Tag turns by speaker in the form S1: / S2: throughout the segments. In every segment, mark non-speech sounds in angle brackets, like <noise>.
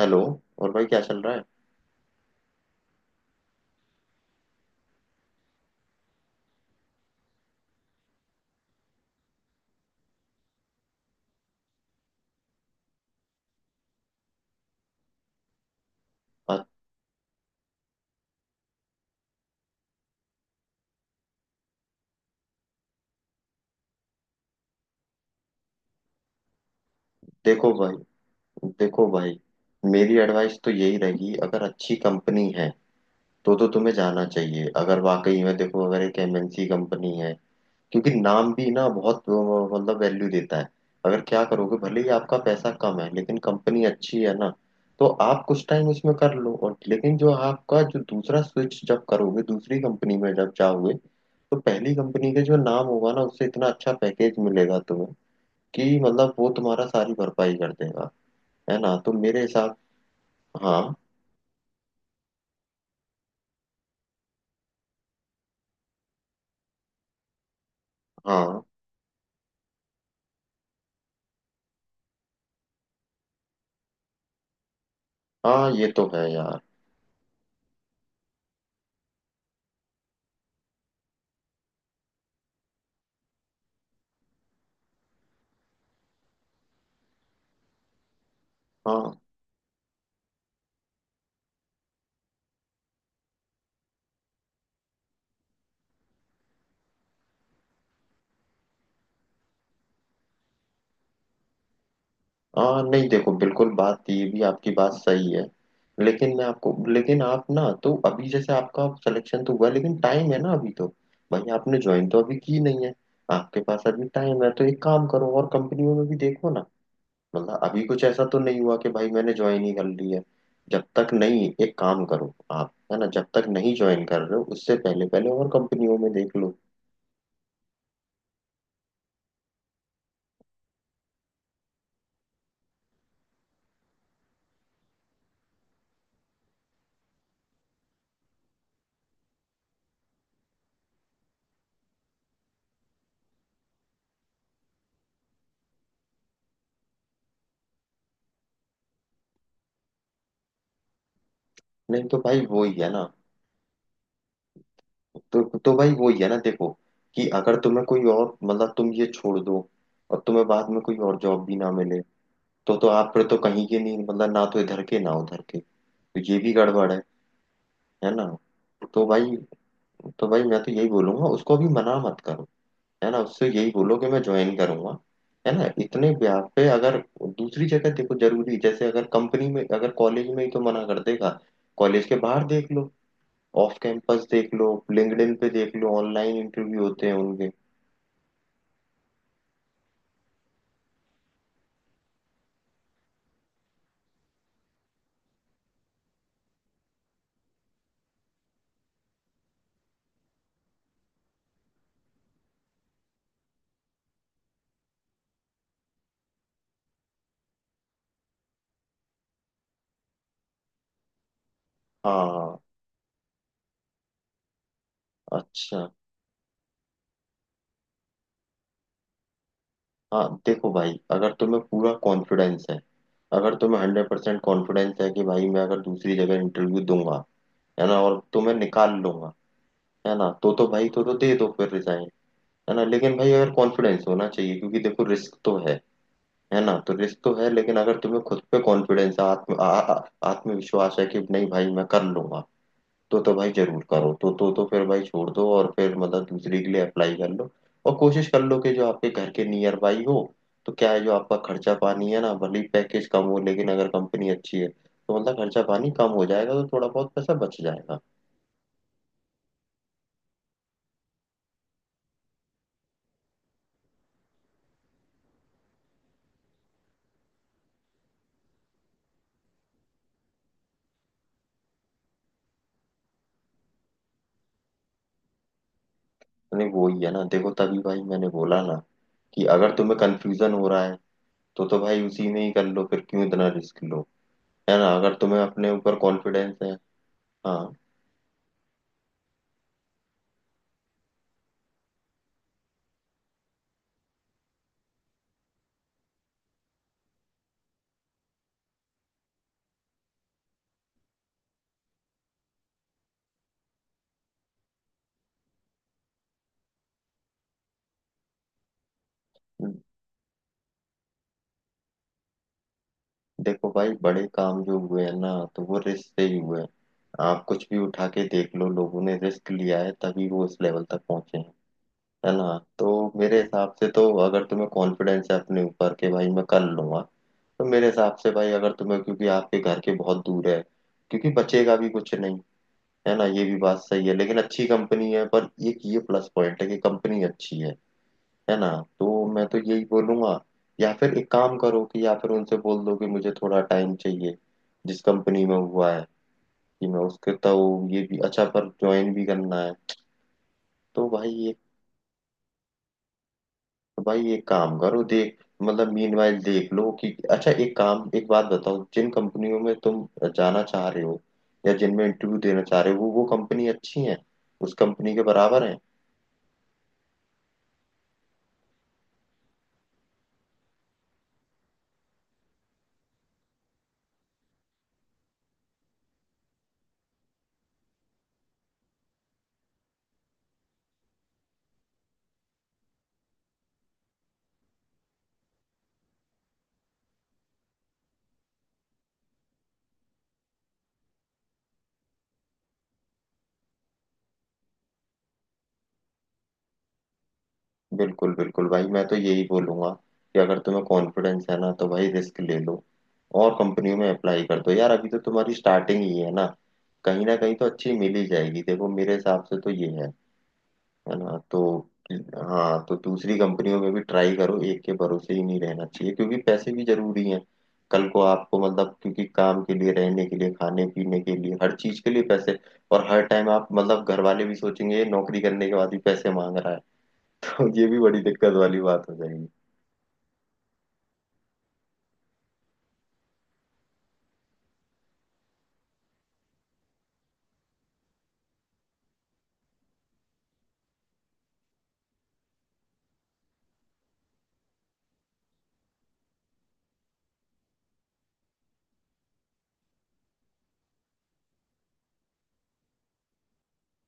S1: Hello. और भाई क्या चल रहा है? आ, देखो भाई देखो भाई, मेरी एडवाइस तो यही रहेगी। अगर अच्छी कंपनी है तो तुम्हें जाना चाहिए, अगर वाकई में, देखो अगर एक एमएनसी कंपनी है। क्योंकि नाम भी ना बहुत मतलब वैल्यू देता है। अगर क्या करोगे, भले ही आपका पैसा कम है लेकिन कंपनी अच्छी है ना। तो आप कुछ टाइम उसमें कर लो, और लेकिन जो आपका जो दूसरा स्विच जब करोगे, दूसरी कंपनी में जब जाओगे, तो पहली कंपनी का जो नाम होगा ना, उससे इतना अच्छा पैकेज मिलेगा तुम्हें कि मतलब वो तुम्हारा सारी भरपाई कर देगा। है ना, तो मेरे हिसाब। हाँ। हाँ। हाँ, ये तो है यार। हाँ। हाँ, नहीं देखो, बिल्कुल बात तो, ये भी आपकी बात सही है। लेकिन मैं आपको, लेकिन आप ना, तो अभी जैसे आपका सिलेक्शन तो हुआ लेकिन टाइम है ना अभी तो। भाई आपने ज्वाइन तो अभी की नहीं है। आपके पास अभी टाइम है, तो एक काम करो, और कंपनियों में भी देखो ना। मतलब अभी कुछ ऐसा तो नहीं हुआ कि भाई मैंने ज्वाइन ही कर ली है। जब तक नहीं, एक काम करो आप, है ना, जब तक नहीं ज्वाइन कर रहे हो, उससे पहले पहले और कंपनियों में देख लो। नहीं तो भाई वो ही है ना। तो भाई वो ही है ना, देखो कि अगर तुम्हें कोई और मतलब तुम ये छोड़ दो, और तुम्हें बाद में कोई और जॉब भी ना मिले, तो आप फिर तो कहीं के नहीं, मतलब ना तो इधर के ना उधर के। तो ये भी गड़बड़ है। है ना, तो भाई तो भाई मैं तो यही बोलूंगा, उसको भी मना मत करो। है ना, उससे यही बोलो कि मैं ज्वाइन करूंगा। है ना, इतने ब्याह पे अगर। दूसरी जगह देखो, जरूरी जैसे, अगर कंपनी में, अगर कॉलेज में ही तो मना कर देगा। कॉलेज के बाहर देख लो, ऑफ कैंपस देख लो, लिंक्डइन पे देख लो, ऑनलाइन इंटरव्यू होते हैं उनके। हाँ, अच्छा। हाँ देखो भाई, अगर तुम्हें पूरा कॉन्फिडेंस है, अगर तुम्हें हंड्रेड परसेंट कॉन्फिडेंस है कि भाई मैं अगर दूसरी जगह इंटरव्यू दूंगा, है ना, और तुम्हें निकाल लूंगा। है ना, तो भाई तो दे दो फिर रिजाइन। है ना, लेकिन भाई अगर कॉन्फिडेंस होना चाहिए, क्योंकि देखो रिस्क तो है। है ना, तो रिस्क तो है, लेकिन अगर तुम्हें खुद पे कॉन्फिडेंस, आत्म आ, आ, आत्मविश्वास है कि नहीं भाई मैं कर लूंगा, तो भाई जरूर करो, तो फिर भाई छोड़ दो, और फिर मतलब दूसरी के लिए अप्लाई कर लो। और कोशिश कर लो कि जो आपके घर के नियर बाई हो, तो क्या है जो आपका खर्चा पानी है ना, भले ही पैकेज कम हो लेकिन अगर कंपनी अच्छी है तो मतलब खर्चा पानी कम हो जाएगा, तो थोड़ा बहुत पैसा बच जाएगा। नहीं वो ही है ना, देखो तभी भाई मैंने बोला ना कि अगर तुम्हें कंफ्यूजन हो रहा है, तो भाई उसी में ही कर लो, फिर क्यों इतना रिस्क लो। है ना, अगर तुम्हें अपने ऊपर कॉन्फिडेंस है। हाँ, देखो भाई, बड़े काम जो हुए हैं ना, तो वो रिस्क से ही हुए हैं। आप कुछ भी उठा के देख लो, लोगों ने रिस्क लिया है तभी वो उस लेवल तक पहुंचे हैं। है ना, तो मेरे हिसाब से तो, अगर तुम्हें कॉन्फिडेंस है अपने ऊपर के भाई मैं कर लूंगा, तो मेरे हिसाब से भाई, अगर तुम्हें, क्योंकि आपके घर के बहुत दूर है, क्योंकि बचेगा भी कुछ नहीं। है ना, ये भी बात सही है, लेकिन अच्छी कंपनी है, पर एक ये प्लस पॉइंट है कि कंपनी अच्छी है। है ना, तो मैं तो यही बोलूंगा, या फिर एक काम करो कि, या फिर उनसे बोल दो कि मुझे थोड़ा टाइम चाहिए, जिस कंपनी में हुआ है, कि मैं उसके, तो ये भी अच्छा पर ज्वाइन भी करना है। तो भाई एक, भाई एक काम करो, देख मतलब मीनवाइल देख लो कि, अच्छा एक काम, एक बात बताओ, जिन कंपनियों में तुम जाना चाह रहे हो, या जिनमें इंटरव्यू देना चाह रहे हो, वो कंपनी अच्छी है, उस कंपनी के बराबर है। बिल्कुल बिल्कुल भाई, मैं तो यही बोलूंगा कि अगर तुम्हें कॉन्फिडेंस है ना, तो भाई रिस्क ले लो, और कंपनियों में अप्लाई कर दो यार, अभी तो तुम्हारी स्टार्टिंग ही है ना, कहीं ना कहीं तो अच्छी मिल ही जाएगी, देखो मेरे हिसाब से तो ये है। है ना, तो हाँ, तो दूसरी कंपनियों में भी ट्राई करो, एक के भरोसे ही नहीं रहना चाहिए क्योंकि पैसे भी जरूरी हैं। कल को आपको मतलब, क्योंकि काम के लिए, रहने के लिए, खाने पीने के लिए, हर चीज के लिए पैसे। और हर टाइम आप मतलब, घर वाले भी सोचेंगे ये नौकरी करने के बाद भी पैसे मांग रहा है <laughs> तो ये भी बड़ी दिक्कत वाली बात हो जाएगी।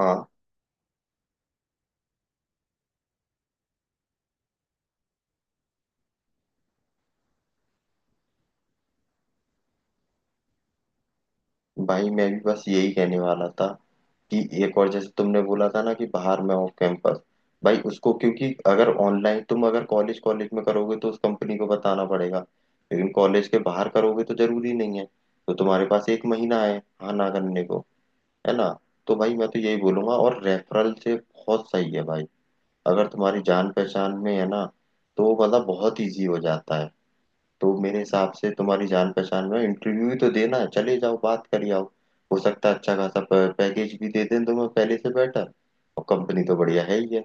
S1: हाँ भाई, मैं भी बस यही कहने वाला था कि एक और जैसे तुमने बोला था ना कि बाहर में ऑफ कैंपस, भाई उसको, क्योंकि अगर ऑनलाइन तुम अगर कॉलेज कॉलेज में करोगे तो उस कंपनी को बताना पड़ेगा, लेकिन कॉलेज के बाहर करोगे तो जरूरी नहीं है। तो तुम्हारे पास एक महीना है, हाँ ना करने को। है ना, तो भाई मैं तो यही बोलूंगा, और रेफरल से बहुत सही है भाई, अगर तुम्हारी जान पहचान में है ना, तो मतलब बहुत इजी हो जाता है। तो मेरे हिसाब से तुम्हारी जान पहचान में, इंटरव्यू ही तो देना है, चले जाओ बात कर आओ, हो सकता है अच्छा खासा पैकेज भी दे दें तुम्हें, पहले से बेटर, और कंपनी तो बढ़िया है ही है।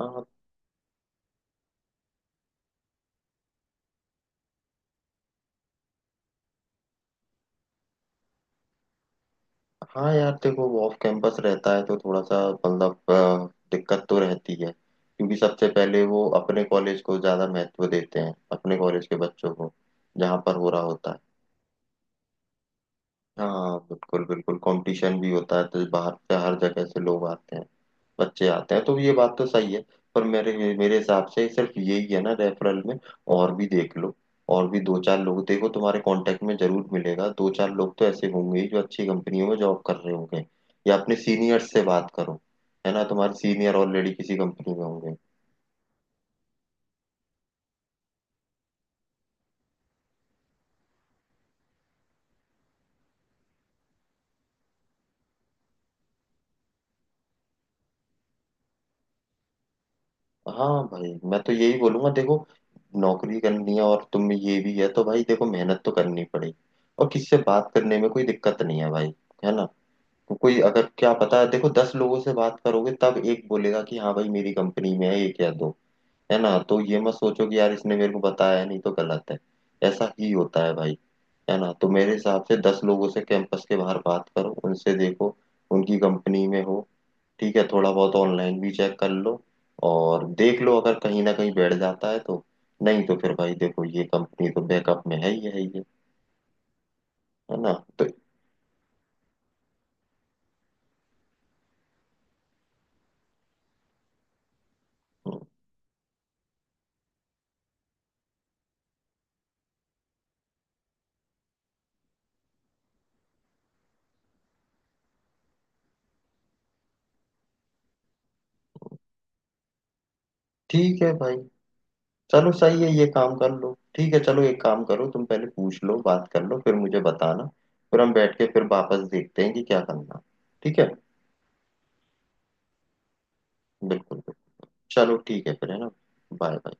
S1: हाँ। हाँ यार देखो, वो ऑफ कैंपस रहता है तो थोड़ा सा मतलब दिक्कत तो रहती है, क्योंकि सबसे पहले वो अपने कॉलेज को ज्यादा महत्व देते हैं, अपने कॉलेज के बच्चों को जहाँ पर हो रहा होता है। हाँ बिल्कुल बिल्कुल, कंपटीशन भी होता है, तो बाहर से हर जगह से लोग आते हैं, बच्चे आते हैं, तो ये बात तो सही है। पर मेरे मेरे हिसाब से सिर्फ यही है ना, रेफरल में और भी देख लो, और भी दो चार लोग देखो तुम्हारे कांटेक्ट में, जरूर मिलेगा, दो चार लोग तो ऐसे होंगे ही जो अच्छी कंपनियों में जॉब कर रहे होंगे, या अपने सीनियर्स से बात करो। है ना, तुम्हारे सीनियर ऑलरेडी किसी कंपनी में होंगे। हाँ भाई, मैं तो यही बोलूंगा, देखो नौकरी करनी है और तुम में ये भी है, तो भाई देखो मेहनत तो करनी पड़ेगी, और किसी से बात करने में कोई दिक्कत नहीं है भाई। है ना, तो कोई अगर, क्या पता है, देखो दस लोगों से बात करोगे तब एक बोलेगा कि हाँ भाई मेरी कंपनी में है, एक या दो। है ना, तो ये मत सोचो कि यार इसने मेरे को बताया है, नहीं तो गलत है। ऐसा ही होता है भाई। है ना, तो मेरे हिसाब से दस लोगों से कैंपस के बाहर बात करो, उनसे देखो उनकी कंपनी में हो। ठीक है, थोड़ा बहुत ऑनलाइन भी चेक कर लो, और देख लो अगर कहीं ना कहीं बैठ जाता है तो, नहीं तो फिर भाई देखो, ये कंपनी तो बैकअप में है ही है ये। है ना, तो हम्म, ठीक है भाई, चलो सही है, ये काम कर लो, ठीक है, चलो एक काम करो तुम, पहले पूछ लो, बात कर लो, फिर मुझे बताना, फिर हम बैठ के फिर वापस देखते हैं कि क्या करना, ठीक है। बिल्कुल बिल्कुल, चलो ठीक है फिर, है ना। Bye bye.